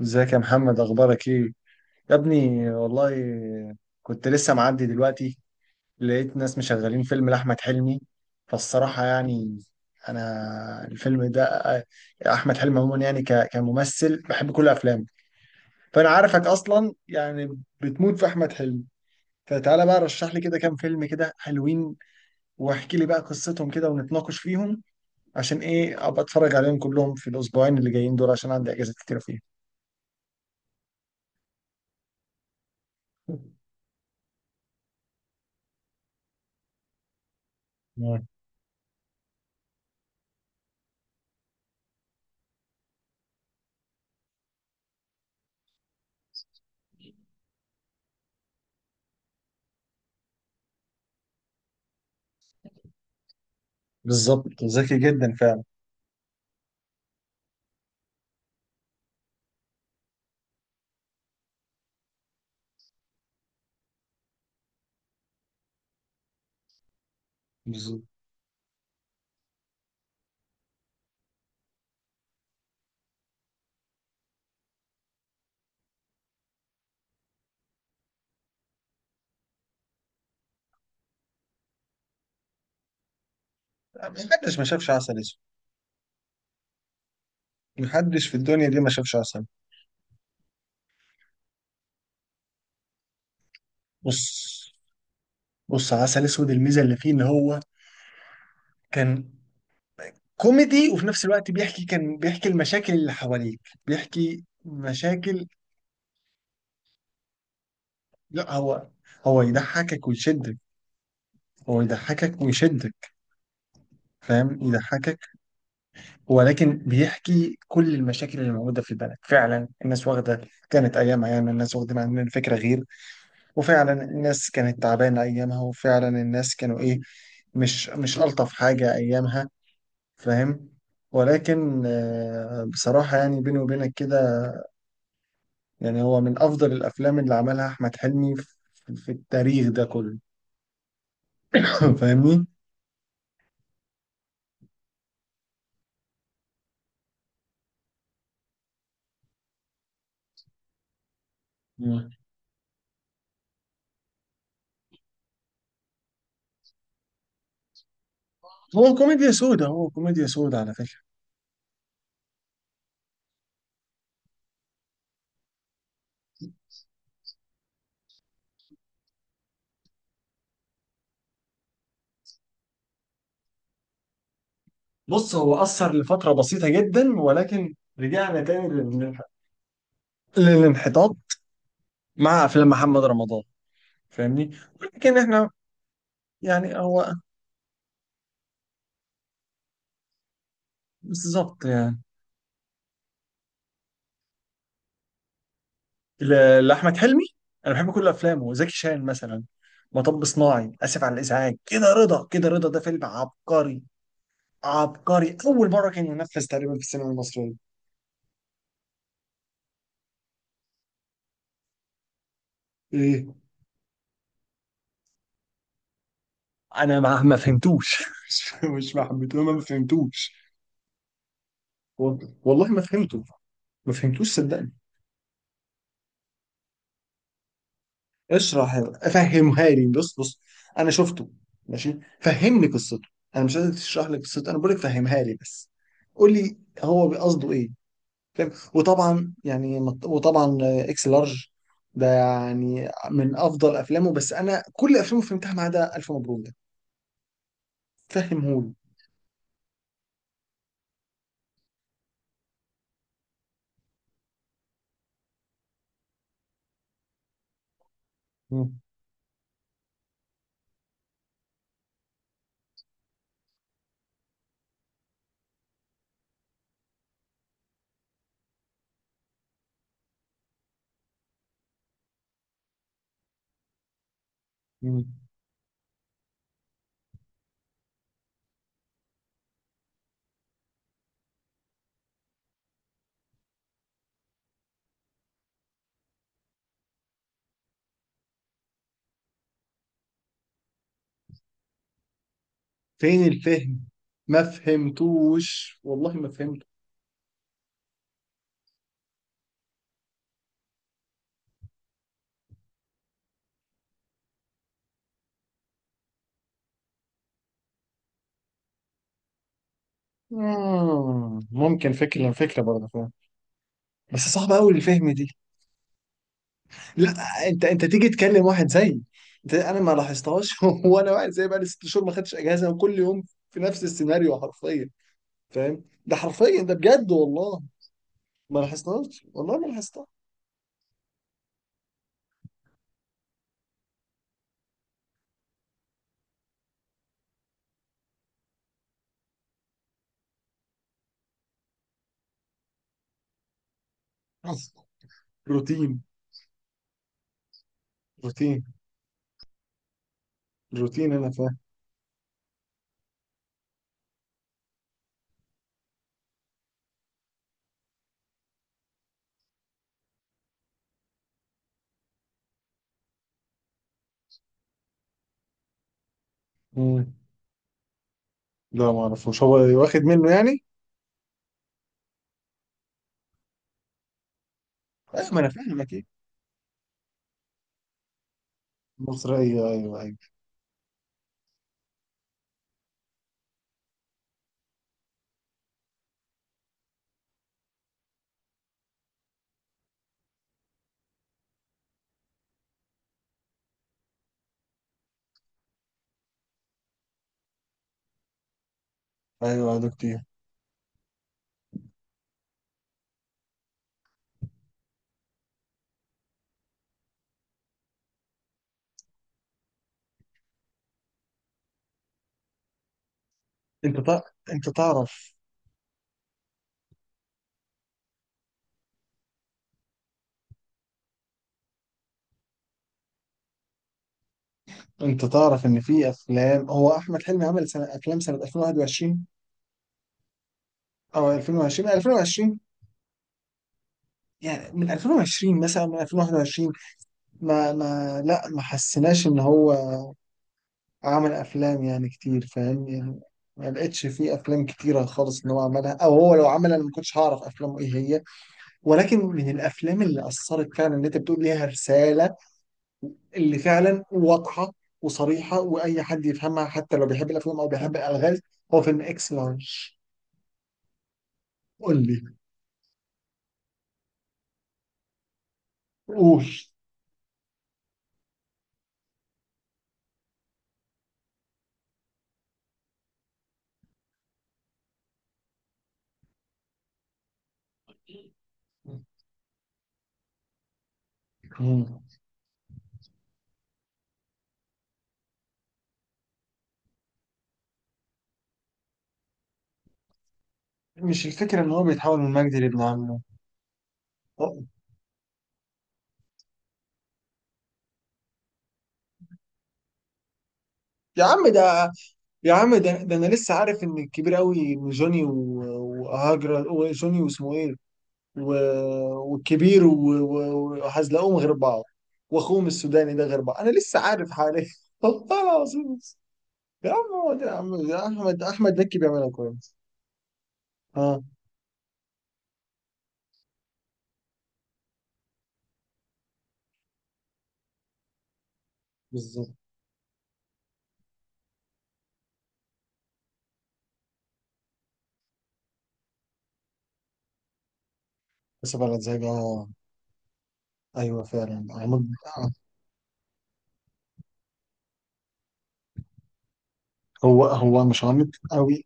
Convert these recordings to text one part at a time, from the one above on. ازيك يا محمد، اخبارك ايه يا ابني؟ والله كنت لسه معدي دلوقتي، لقيت ناس مشغلين فيلم لاحمد حلمي. فالصراحه يعني انا الفيلم ده، احمد حلمي عموما يعني كممثل بحب كل افلامه. فانا عارفك اصلا يعني بتموت في احمد حلمي. فتعالى بقى رشح لي كده كام فيلم كده حلوين، واحكي لي بقى قصتهم كده ونتناقش فيهم، عشان ايه ابقى اتفرج عليهم كلهم في الاسبوعين اللي جايين دول، عشان عندي اجازات كتيره فيهم. مم. بالظبط، ذكي جدا فعلا. بالظبط. محدش ما شافش عسل اسود. محدش في الدنيا دي ما شافش عسل. بص بص، عسل اسود الميزه اللي فيه ان هو كان كوميدي، وفي نفس الوقت بيحكي، كان بيحكي المشاكل اللي حواليك، بيحكي مشاكل. لا هو، هو يضحكك ويشدك، هو يضحكك ويشدك، فاهم؟ يضحكك، ولكن بيحكي كل المشاكل اللي موجوده في البلد. فعلا الناس واخده كانت ايامها، يعني الناس واخده عن الفكره غير. وفعلا الناس كانت تعبانة أيامها، وفعلا الناس كانوا إيه، مش ألطف حاجة أيامها، فاهم؟ ولكن بصراحة يعني بيني وبينك كده، يعني هو من أفضل الأفلام اللي عملها أحمد حلمي في التاريخ ده كله. فاهمني؟ مم. هو كوميديا سودا، هو كوميديا سودا على فكرة. بص، هو أثر لفترة بسيطة جدا ولكن رجعنا تاني للانحطاط مع أفلام محمد رمضان. فاهمني؟ ولكن إحنا، يعني هو، بالظبط يعني، لأحمد حلمي، أنا بحب كل أفلامه. زكي شان مثلا، مطب صناعي، آسف على الإزعاج كده، رضا كده، رضا ده فيلم عبقري. عبقري، أول مرة كان ينفذ تقريبا في السينما المصرية. إيه؟ أنا ما فهمتوش. مش ما حبيتهوش، ما فهمتوش. والله ما فهمته، ما فهمتوش صدقني. اشرح، فهمها لي. بص بص، انا شفته، ماشي، فهمني قصته. انا مش قادر تشرح لي قصته، انا بقول لك فهمها لي بس. قول لي، هو قصده ايه؟ فاهم؟ وطبعا يعني، وطبعا اكس لارج ده يعني من افضل افلامه. بس انا كل افلامه فهمتها ما عدا الف مبروك ده، فهمهولي. مم. مم. فين الفهم؟ ما فهمتوش، والله ما فهمت. مم. ممكن فكرة، فكرة برضه، فاهم؟ بس صعب قوي الفهم دي. لا، انت تيجي تكلم واحد زيي، انا ما لاحظتهاش. وانا واحد زيي بقالي ست شهور ما خدتش اجازة، وكل يوم في نفس السيناريو حرفيا، فاهم؟ ده حرفيا، ده بجد والله. ما لاحظتهاش، والله ما لاحظتها أصلا. روتين، روتين، روتين انا فاهم. مم. لا، ما اعرفوش هو. واخد منه يعني؟ ايوه، ما انا فاهم اكيد. مصر، ايوه ايوه ايوه. ايوه، ده كتير. انت تع... انت تعرف، انت تعرف ان في افلام، هو احمد حلمي عمل افلام سنه 2021 او 2020 يعني، من 2020 مثلا، من 2021. ما لا، ما حسيناش ان هو عمل افلام يعني كتير، فاهم يعني؟ ما لقيتش فيه افلام كتيره خالص ان هو عملها، او هو لو عملها انا ما كنتش هعرف افلامه ايه هي. ولكن من الافلام اللي اثرت فعلا، اللي انت بتقول ليها رساله، اللي فعلا واضحه وصريحه، واي حد يفهمها حتى لو بيحب الافلام او بيحب الالغاز، هو فيلم اكس لارج. قول لي، قول. مم. مش الفكره ان هو بيتحول من مجدي لابن عمه؟ أه. يا عم ده، يا عم ده، انا لسه عارف ان الكبير قوي، إن جوني وهاجر وجوني واسمه ايه، والكبير وحزلقوم غير بعض، واخوهم السوداني ده غير بعض. انا لسه عارف حاليا. والله العظيم، يا عم هو ده يا عم، يا احمد مكي بيعملها كويس. اه بالظبط. اسف على الازعاج، اه. ايوه فعلا عميق. هو مش عميق قوي،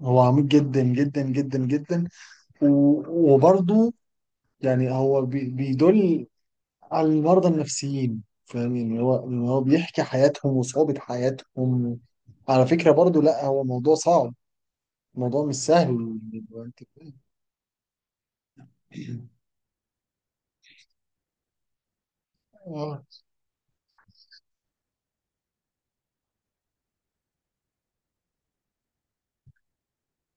هو عميق جدا جدا جدا جدا. وبرضه يعني هو بيدل على المرضى النفسيين، فاهمين؟ اللي هو بيحكي حياتهم وصعوبة حياتهم. على فكرة برضو، لا هو موضوع صعب، موضوع مش سهل، انت فاهم؟ آه،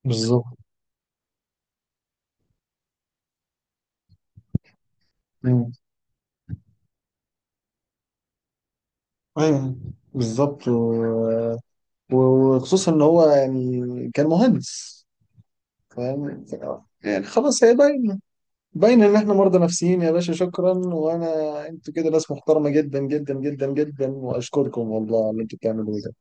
بالظبط. أيوة. أيوة، بالظبط. وخصوصا ان هو يعني كان مهندس، فاهم؟ يعني خلاص هي باينة، باينة ان احنا مرضى نفسيين يا باشا، شكرا. وانا، انتوا كده ناس محترمة جدا جدا جدا جدا، واشكركم والله على اللي انتوا بتعملوه ده.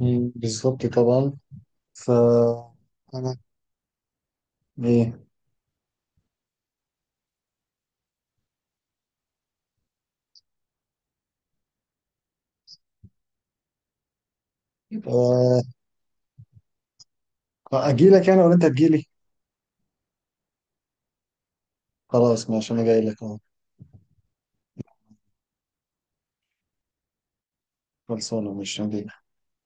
بالظبط طبعا. ف انا ايه؟ أه... اجي لك انا ولا انت تجي لي؟ خلاص ماشي، انا جاي لك اهو. خلصانه، مش هجي.